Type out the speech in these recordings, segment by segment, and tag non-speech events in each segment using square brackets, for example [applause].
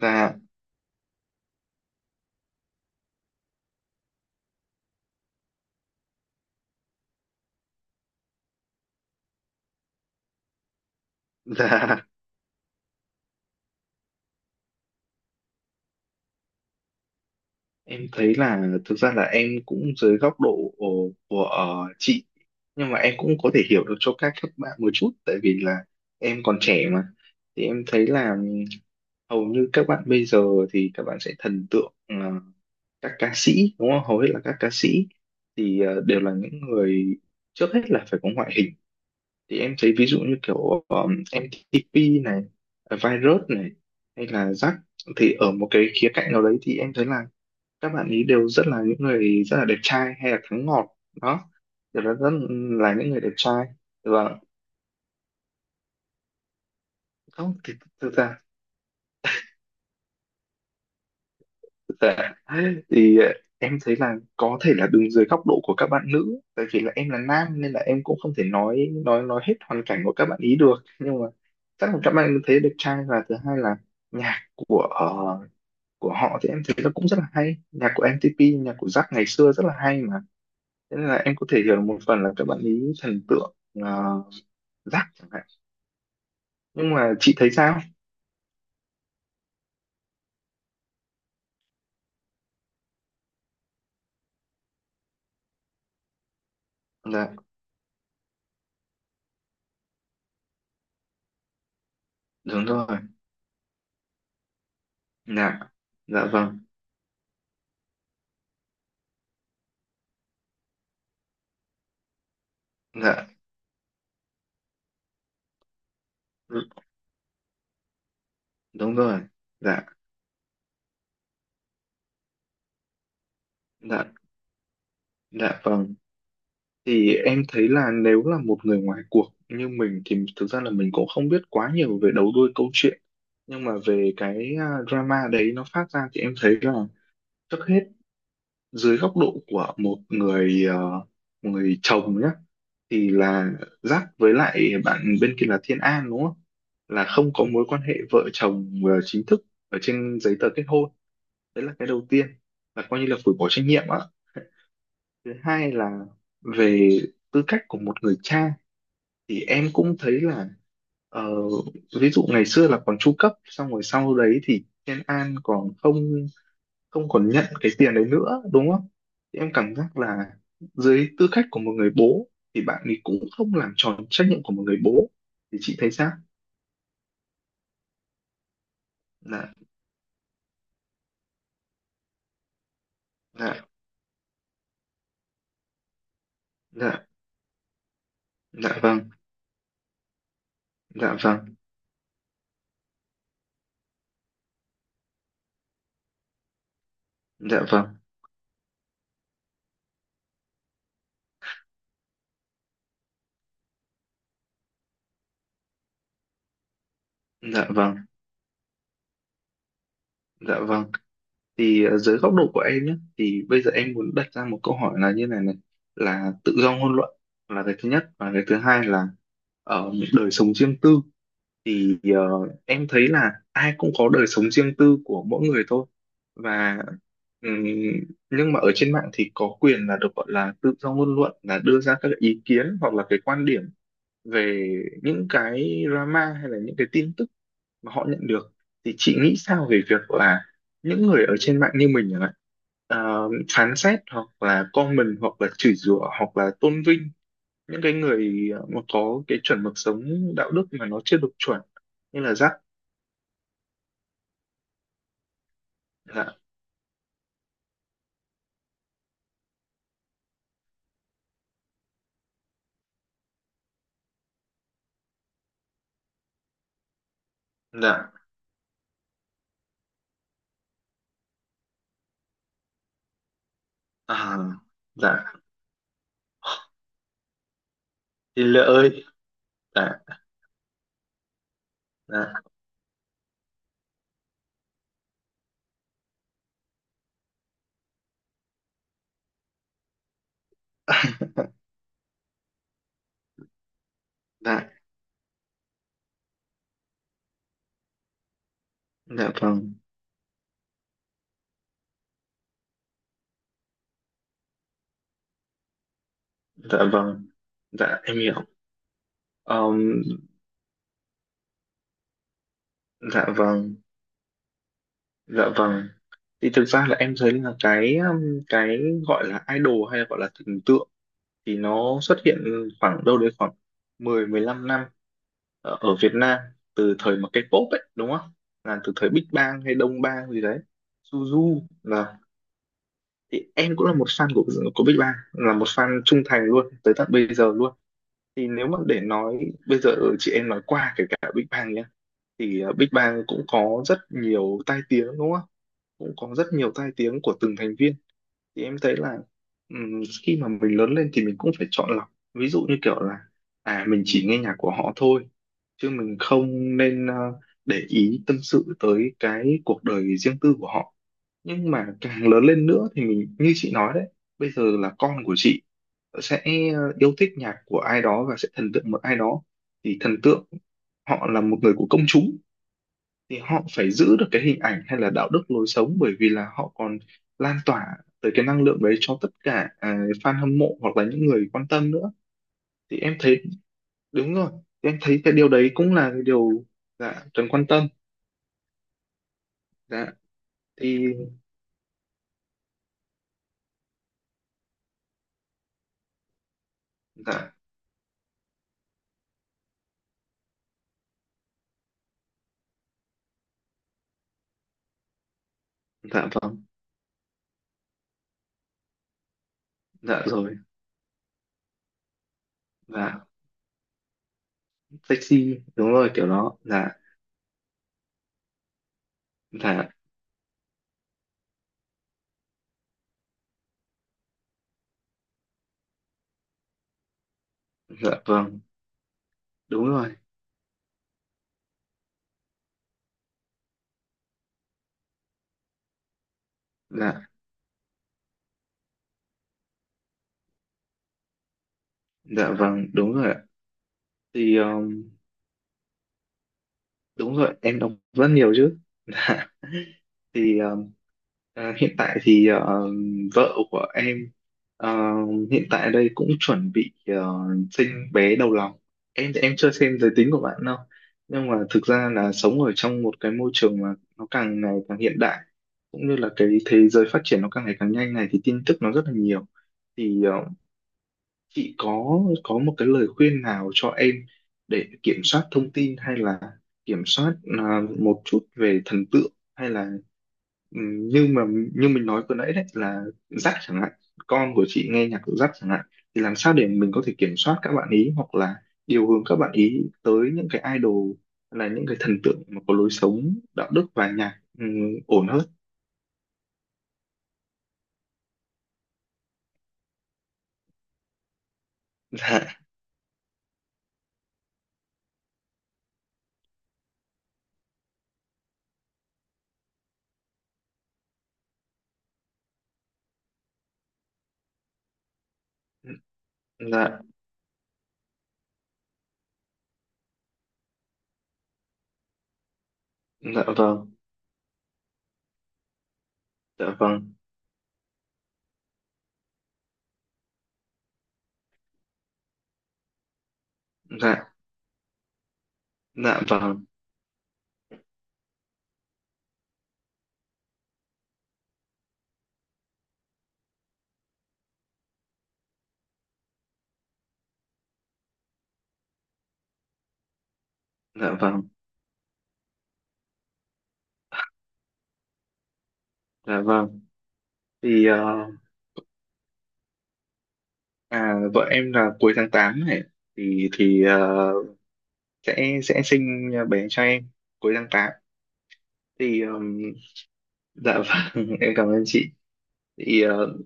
Dạ, dạ, [laughs] em thấy là thực ra là em cũng dưới góc độ của chị, nhưng mà em cũng có thể hiểu được cho các bạn một chút tại vì là em còn trẻ mà. Thì em thấy là hầu như các bạn bây giờ thì các bạn sẽ thần tượng các ca sĩ đúng không? Hầu hết là các ca sĩ thì đều là những người trước hết là phải có ngoại hình. Thì em thấy ví dụ như kiểu MTP này, virus này hay là rắc, thì ở một cái khía cạnh nào đấy thì em thấy là các bạn ấy đều rất là những người rất là đẹp trai hay là thắng ngọt đó, đều là rất là những người đẹp trai. Và không thì thực ra, thực ra [laughs] thì em thấy là có thể là đứng dưới góc độ của các bạn nữ tại vì là em là nam nên là em cũng không thể nói hết hoàn cảnh của các bạn ý được, nhưng mà chắc là các bạn thấy đẹp trai. Và thứ hai là nhạc của họ thì em thấy nó cũng rất là hay, nhạc của MTP nhạc của Jack ngày xưa rất là hay mà, thế nên là em có thể hiểu được một phần là các bạn ý thần tượng Jack chẳng hạn. Nhưng mà chị thấy sao? Dạ, đúng rồi. Dạ. Dạ vâng. Dạ. Ừ, đúng rồi. Dạ. Dạ dạ vâng. Thì em thấy là nếu là một người ngoài cuộc như mình thì thực ra là mình cũng không biết quá nhiều về đầu đuôi câu chuyện, nhưng mà về cái drama đấy nó phát ra thì em thấy là trước hết dưới góc độ của một người chồng nhé, thì là Giáp với lại bạn bên kia là Thiên An đúng không? Là không có mối quan hệ vợ chồng chính thức ở trên giấy tờ kết hôn. Đấy là cái đầu tiên, là coi như là phủi bỏ trách nhiệm ạ. Thứ hai là về tư cách của một người cha thì em cũng thấy là ờ, ví dụ ngày xưa là còn chu cấp, xong rồi sau đấy thì Thiên An còn không không còn nhận cái tiền đấy nữa đúng không, thì em cảm giác là dưới tư cách của một người bố thì bạn ấy cũng không làm tròn trách nhiệm của một người bố. Thì chị thấy sao? Dạ. Dạ. Dạ. Dạ vâng. Dạ vâng. Dạ vâng. Dạ vâng. Dạ vâng. Thì dưới góc độ của em nhé, thì bây giờ em muốn đặt ra một câu hỏi là như này này, là tự do ngôn luận là cái thứ nhất, và cái thứ hai là ở đời sống riêng tư. Thì em thấy là ai cũng có đời sống riêng tư của mỗi người thôi, và ừm, nhưng mà ở trên mạng thì có quyền là được gọi là tự do ngôn luận, là đưa ra các ý kiến hoặc là cái quan điểm về những cái drama hay là những cái tin tức mà họ nhận được. Thì chị nghĩ sao về việc là những người ở trên mạng như mình chẳng hạn ờ, phán xét hoặc là comment hoặc là chửi rủa hoặc là tôn vinh những cái người mà có cái chuẩn mực sống đạo đức mà nó chưa được chuẩn như là rắc? Dạ. Dạ. À, dạ. Thì lệ ơi. Dạ. Dạ. Dạ. Dạ vâng. Dạ vâng. Dạ em hiểu. Ờm, dạ vâng. Dạ vâng. Thì thực ra là em thấy là cái gọi là idol hay là gọi là thần tượng thì nó xuất hiện khoảng đâu đấy khoảng mười mười 15 năm ở, ở Việt Nam, từ thời mà K-pop ấy đúng không, là từ thời Big Bang hay Đông Bang gì đấy, Suzu là. Thì em cũng là một fan của Big Bang, là một fan trung thành luôn tới tận bây giờ luôn. Thì nếu mà để nói bây giờ chị em nói qua kể cả Big Bang nhá, thì Big Bang cũng có rất nhiều tai tiếng đúng không, cũng có rất nhiều tai tiếng của từng thành viên. Thì em thấy là khi mà mình lớn lên thì mình cũng phải chọn lọc, ví dụ như kiểu là à mình chỉ nghe nhạc của họ thôi chứ mình không nên để ý tâm sự tới cái cuộc đời riêng tư của họ. Nhưng mà càng lớn lên nữa thì mình như chị nói đấy, bây giờ là con của chị sẽ yêu thích nhạc của ai đó và sẽ thần tượng một ai đó, thì thần tượng họ là một người của công chúng thì họ phải giữ được cái hình ảnh hay là đạo đức lối sống, bởi vì là họ còn lan tỏa tới cái năng lượng đấy cho tất cả fan hâm mộ hoặc là những người quan tâm nữa. Thì em thấy đúng rồi. Thì em thấy cái điều đấy cũng là cái điều dạ cần quan tâm. Dạ. Thì dạ. Dạ vâng. Dạ rồi. Dạ taxi, đúng rồi kiểu đó dạ. Dạ. Dạ vâng. Đúng rồi. Dạ. Dạ vâng. Đúng rồi ạ. Thì đúng rồi, em đọc rất nhiều chứ. Dạ. Thì hiện tại thì vợ của em ờ, hiện tại đây cũng chuẩn bị sinh bé đầu lòng. Em thì em chưa xem giới tính của bạn đâu, nhưng mà thực ra là sống ở trong một cái môi trường mà nó càng ngày càng hiện đại, cũng như là cái thế giới phát triển nó càng ngày càng nhanh này, thì tin tức nó rất là nhiều. Thì chị có một cái lời khuyên nào cho em để kiểm soát thông tin hay là kiểm soát một chút về thần tượng hay là như mà như mình nói vừa nãy đấy là dắt chẳng hạn, con của chị nghe nhạc dắt chẳng hạn, thì làm sao để mình có thể kiểm soát các bạn ý hoặc là điều hướng các bạn ý tới những cái idol hay là những cái thần tượng mà có lối sống đạo đức và nhạc ổn hơn? Dạ. Dạ. Dạ vâng. Dạ vâng. Dạ. Dạ vâng. Dạ vâng. Dạ vâng. Thì à, vợ em là cuối tháng 8 này, thì thì sẽ sinh bé cho em cuối tháng tám. Thì dạ vâng, [laughs] em cảm ơn chị. Thì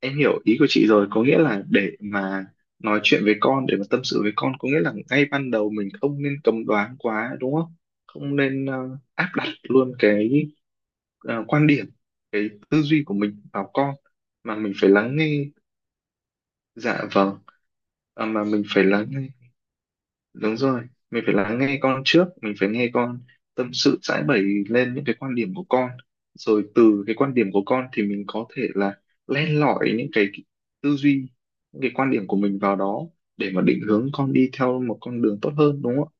em hiểu ý của chị rồi, có nghĩa là để mà nói chuyện với con, để mà tâm sự với con, có nghĩa là ngay ban đầu mình không nên cấm đoán quá đúng không? Không nên áp đặt luôn cái quan điểm, cái tư duy của mình vào con, mà mình phải lắng nghe. Dạ vâng. À, mà mình phải lắng. Đúng rồi, mình phải lắng nghe con trước, mình phải nghe con tâm sự giãi bày lên những cái quan điểm của con. Rồi từ cái quan điểm của con thì mình có thể là len lỏi những cái tư duy, những cái quan điểm của mình vào đó để mà định hướng con đi theo một con đường tốt hơn đúng không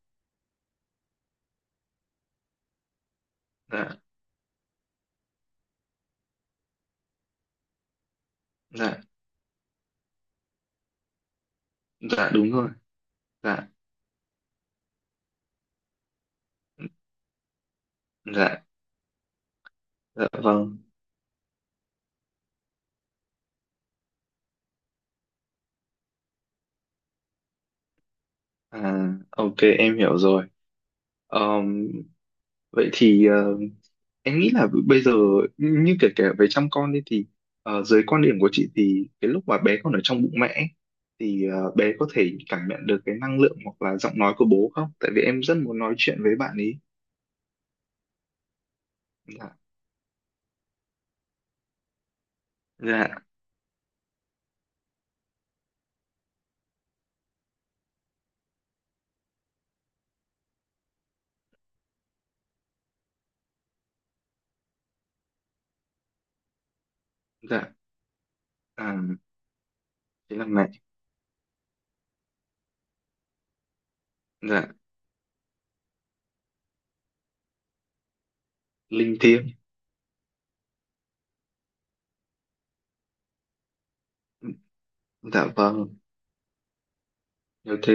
ạ? Dạ, dạ, dạ đúng rồi, dạ, dạ, dạ vâng. À, ok, em hiểu rồi. Ờm, vậy thì em nghĩ là bây giờ như kể cả về chăm con đi, thì dưới quan điểm của chị thì cái lúc mà bé còn ở trong bụng mẹ ấy, thì bé có thể cảm nhận được cái năng lượng hoặc là giọng nói của bố không? Tại vì em rất muốn nói chuyện với bạn ấy. Dạ, dạ, dạ, à, thế là mẹ, dạ, linh thiêng, dạ vâng, nếu thế,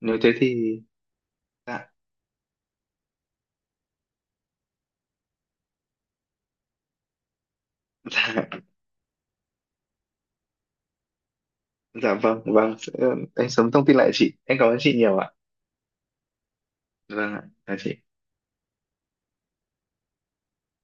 nếu thế thì, dạ, [laughs] dạ, dạ vâng, vâng, sẽ, em sớm thông tin lại chị, em cảm ơn chị nhiều ạ, vâng ạ, chào chị.